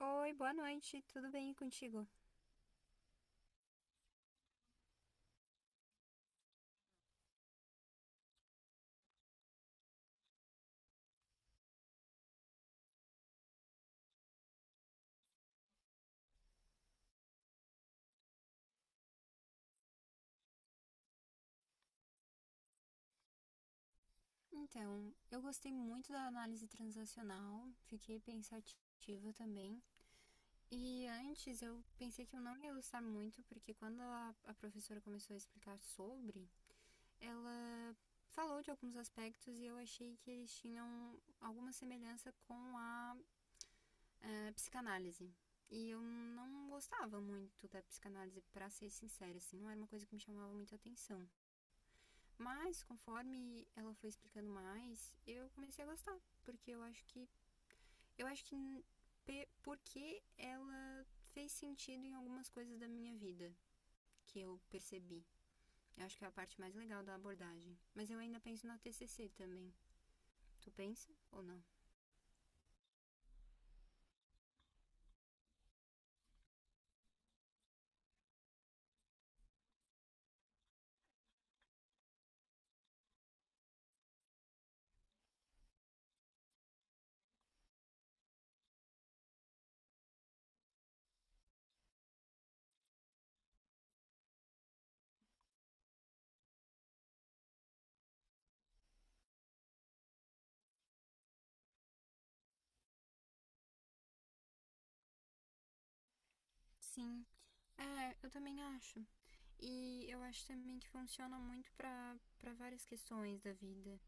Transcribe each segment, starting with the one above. Oi, boa noite, tudo bem contigo? Então, eu gostei muito da análise transacional, fiquei pensativa também. E antes eu pensei que eu não ia gostar muito, porque quando a professora começou a explicar sobre, ela falou de alguns aspectos e eu achei que eles tinham alguma semelhança com a, psicanálise. E eu não gostava muito da psicanálise, pra ser sincera, assim, não era uma coisa que me chamava muita atenção. Mas conforme ela foi explicando mais, eu comecei a gostar, porque eu acho que porque ela fez sentido em algumas coisas da minha vida que eu percebi. Eu acho que é a parte mais legal da abordagem. Mas eu ainda penso na TCC também. Tu pensa ou não? Sim. É, eu também acho. E eu acho também que funciona muito para várias questões da vida.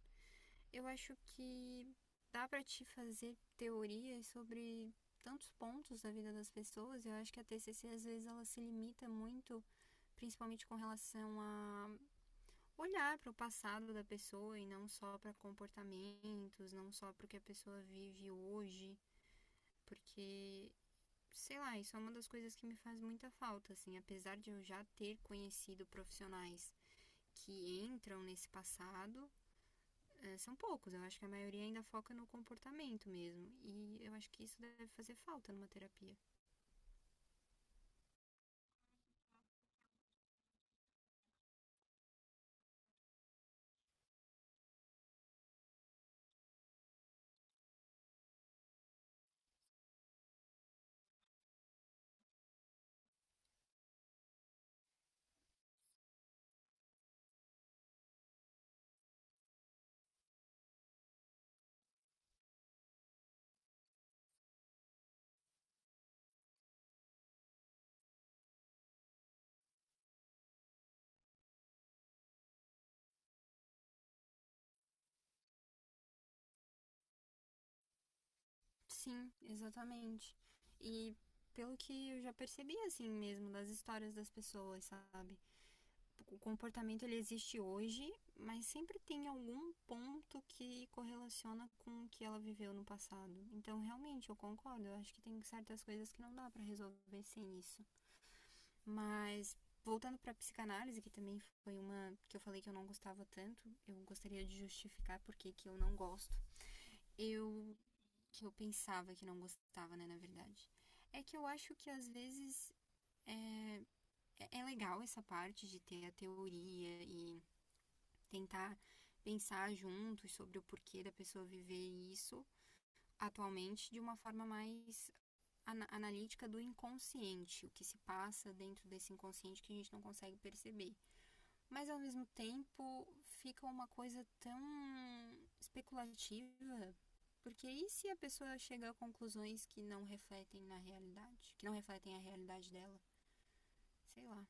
Eu acho que dá para te fazer teorias sobre tantos pontos da vida das pessoas. Eu acho que a TCC às vezes ela se limita muito, principalmente com relação a olhar para o passado da pessoa e não só para comportamentos, não só para o que a pessoa vive hoje, porque sei lá, isso é uma das coisas que me faz muita falta, assim, apesar de eu já ter conhecido profissionais que entram nesse passado, são poucos. Eu acho que a maioria ainda foca no comportamento mesmo. E eu acho que isso deve fazer falta numa terapia. Sim, exatamente. E pelo que eu já percebi, assim mesmo, das histórias das pessoas, sabe? O comportamento ele existe hoje, mas sempre tem algum ponto que correlaciona com o que ela viveu no passado. Então, realmente, eu concordo. Eu acho que tem certas coisas que não dá para resolver sem isso. Mas voltando para a psicanálise, que também foi uma que eu falei que eu não gostava tanto, eu gostaria de justificar por que eu não gosto. Eu que eu pensava que não gostava, né, na verdade. É que eu acho que às vezes é legal essa parte de ter a teoria e tentar pensar juntos sobre o porquê da pessoa viver isso atualmente de uma forma mais analítica do inconsciente, o que se passa dentro desse inconsciente que a gente não consegue perceber. Mas ao mesmo tempo fica uma coisa tão especulativa. Porque e se a pessoa chega a conclusões que não refletem na realidade? Que não refletem a realidade dela? Sei lá.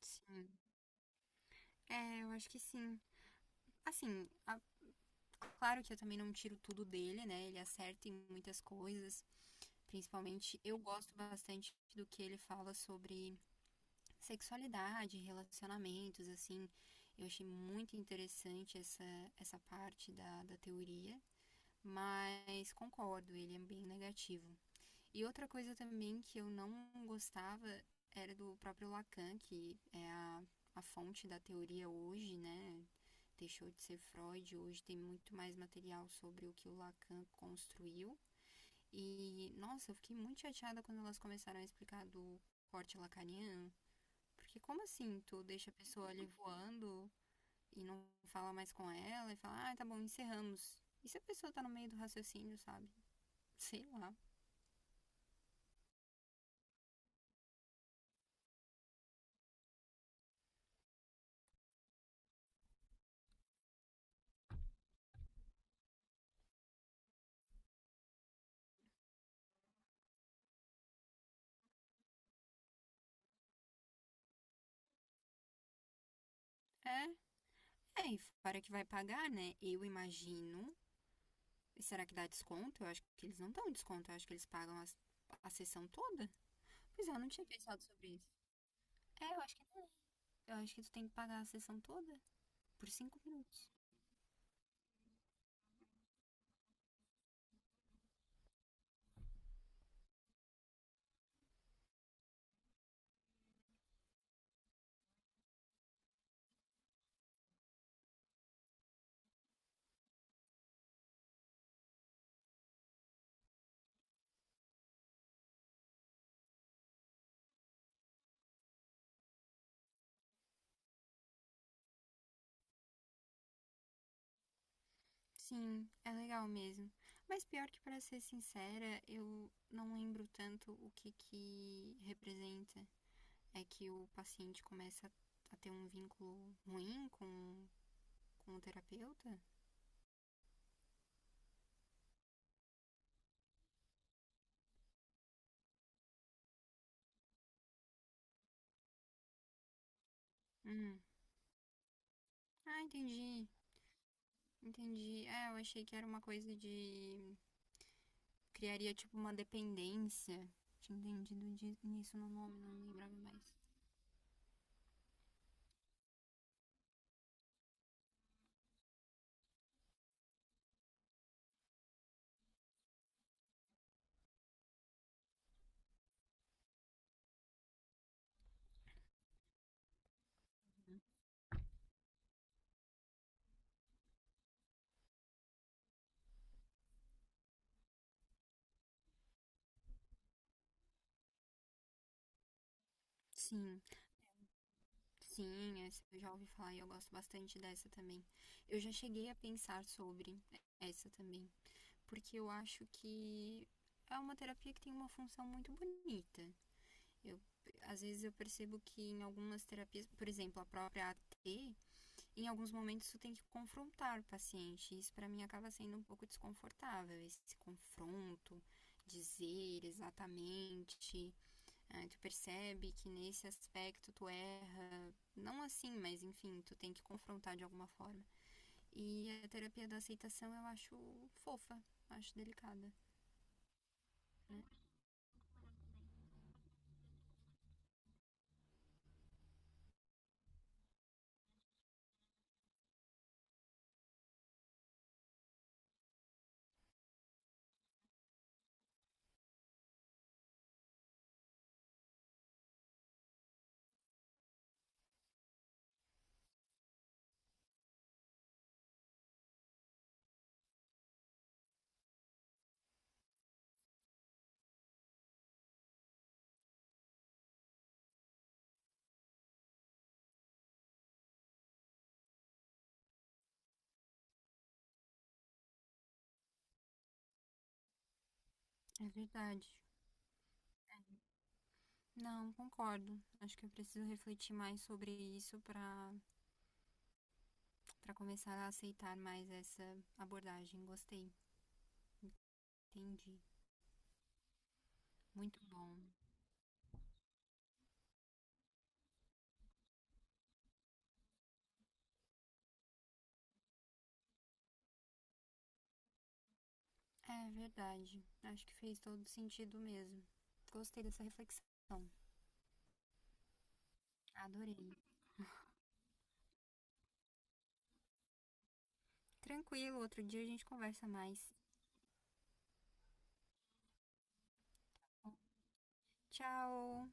Sim. É, eu acho que sim. Assim, a- claro que eu também não tiro tudo dele, né? Ele acerta em muitas coisas. Principalmente, eu gosto bastante do que ele fala sobre sexualidade, relacionamentos, assim. Eu achei muito interessante essa parte da teoria, mas concordo, ele é bem negativo. E outra coisa também que eu não gostava era do próprio Lacan, que é a fonte da teoria hoje, né? Deixou de ser Freud, hoje tem muito mais material sobre o que o Lacan construiu. E, nossa, eu fiquei muito chateada quando elas começaram a explicar do corte lacaniano, porque como assim tu deixa a pessoa ali voando e não fala mais com ela e fala, ah, tá bom, encerramos. E se a pessoa tá no meio do raciocínio, sabe? Sei lá. É, é, e para que vai pagar, né? Eu imagino. E será que dá desconto? Eu acho que eles não dão desconto, eu acho que eles pagam as- a, sessão toda. Pois é, eu não tinha pensado sobre isso. É, eu acho que não. Eu acho que tu tem que pagar a sessão toda por 5 minutos. Sim, é legal mesmo. Mas pior que, para ser sincera, eu não lembro tanto o que que representa. É que o paciente começa a ter um vínculo ruim com o terapeuta? Hum. Ah, entendi. Entendi. É, eu achei que era uma coisa de. Criaria tipo uma dependência. Tinha entendido de- nisso no nome, não lembrava mais. Sim. Sim, essa eu já ouvi falar e eu gosto bastante dessa também. Eu já cheguei a pensar sobre essa também, porque eu acho que é uma terapia que tem uma função muito bonita. Eu às vezes eu percebo que em algumas terapias, por exemplo, a própria AT, em alguns momentos tu tem que confrontar o paciente. Isso para mim acaba sendo um pouco desconfortável, esse confronto, dizer exatamente ah, tu percebe que nesse aspecto tu erra, não assim, mas enfim, tu tem que confrontar de alguma forma. E a terapia da aceitação eu acho fofa, acho delicada. É verdade. Não, concordo. Acho que eu preciso refletir mais sobre isso para para começar a aceitar mais essa abordagem. Gostei. Entendi. Muito bom. É verdade. Acho que fez todo sentido mesmo. Gostei dessa reflexão. Adorei. Tranquilo, outro dia a gente conversa mais. Tchau!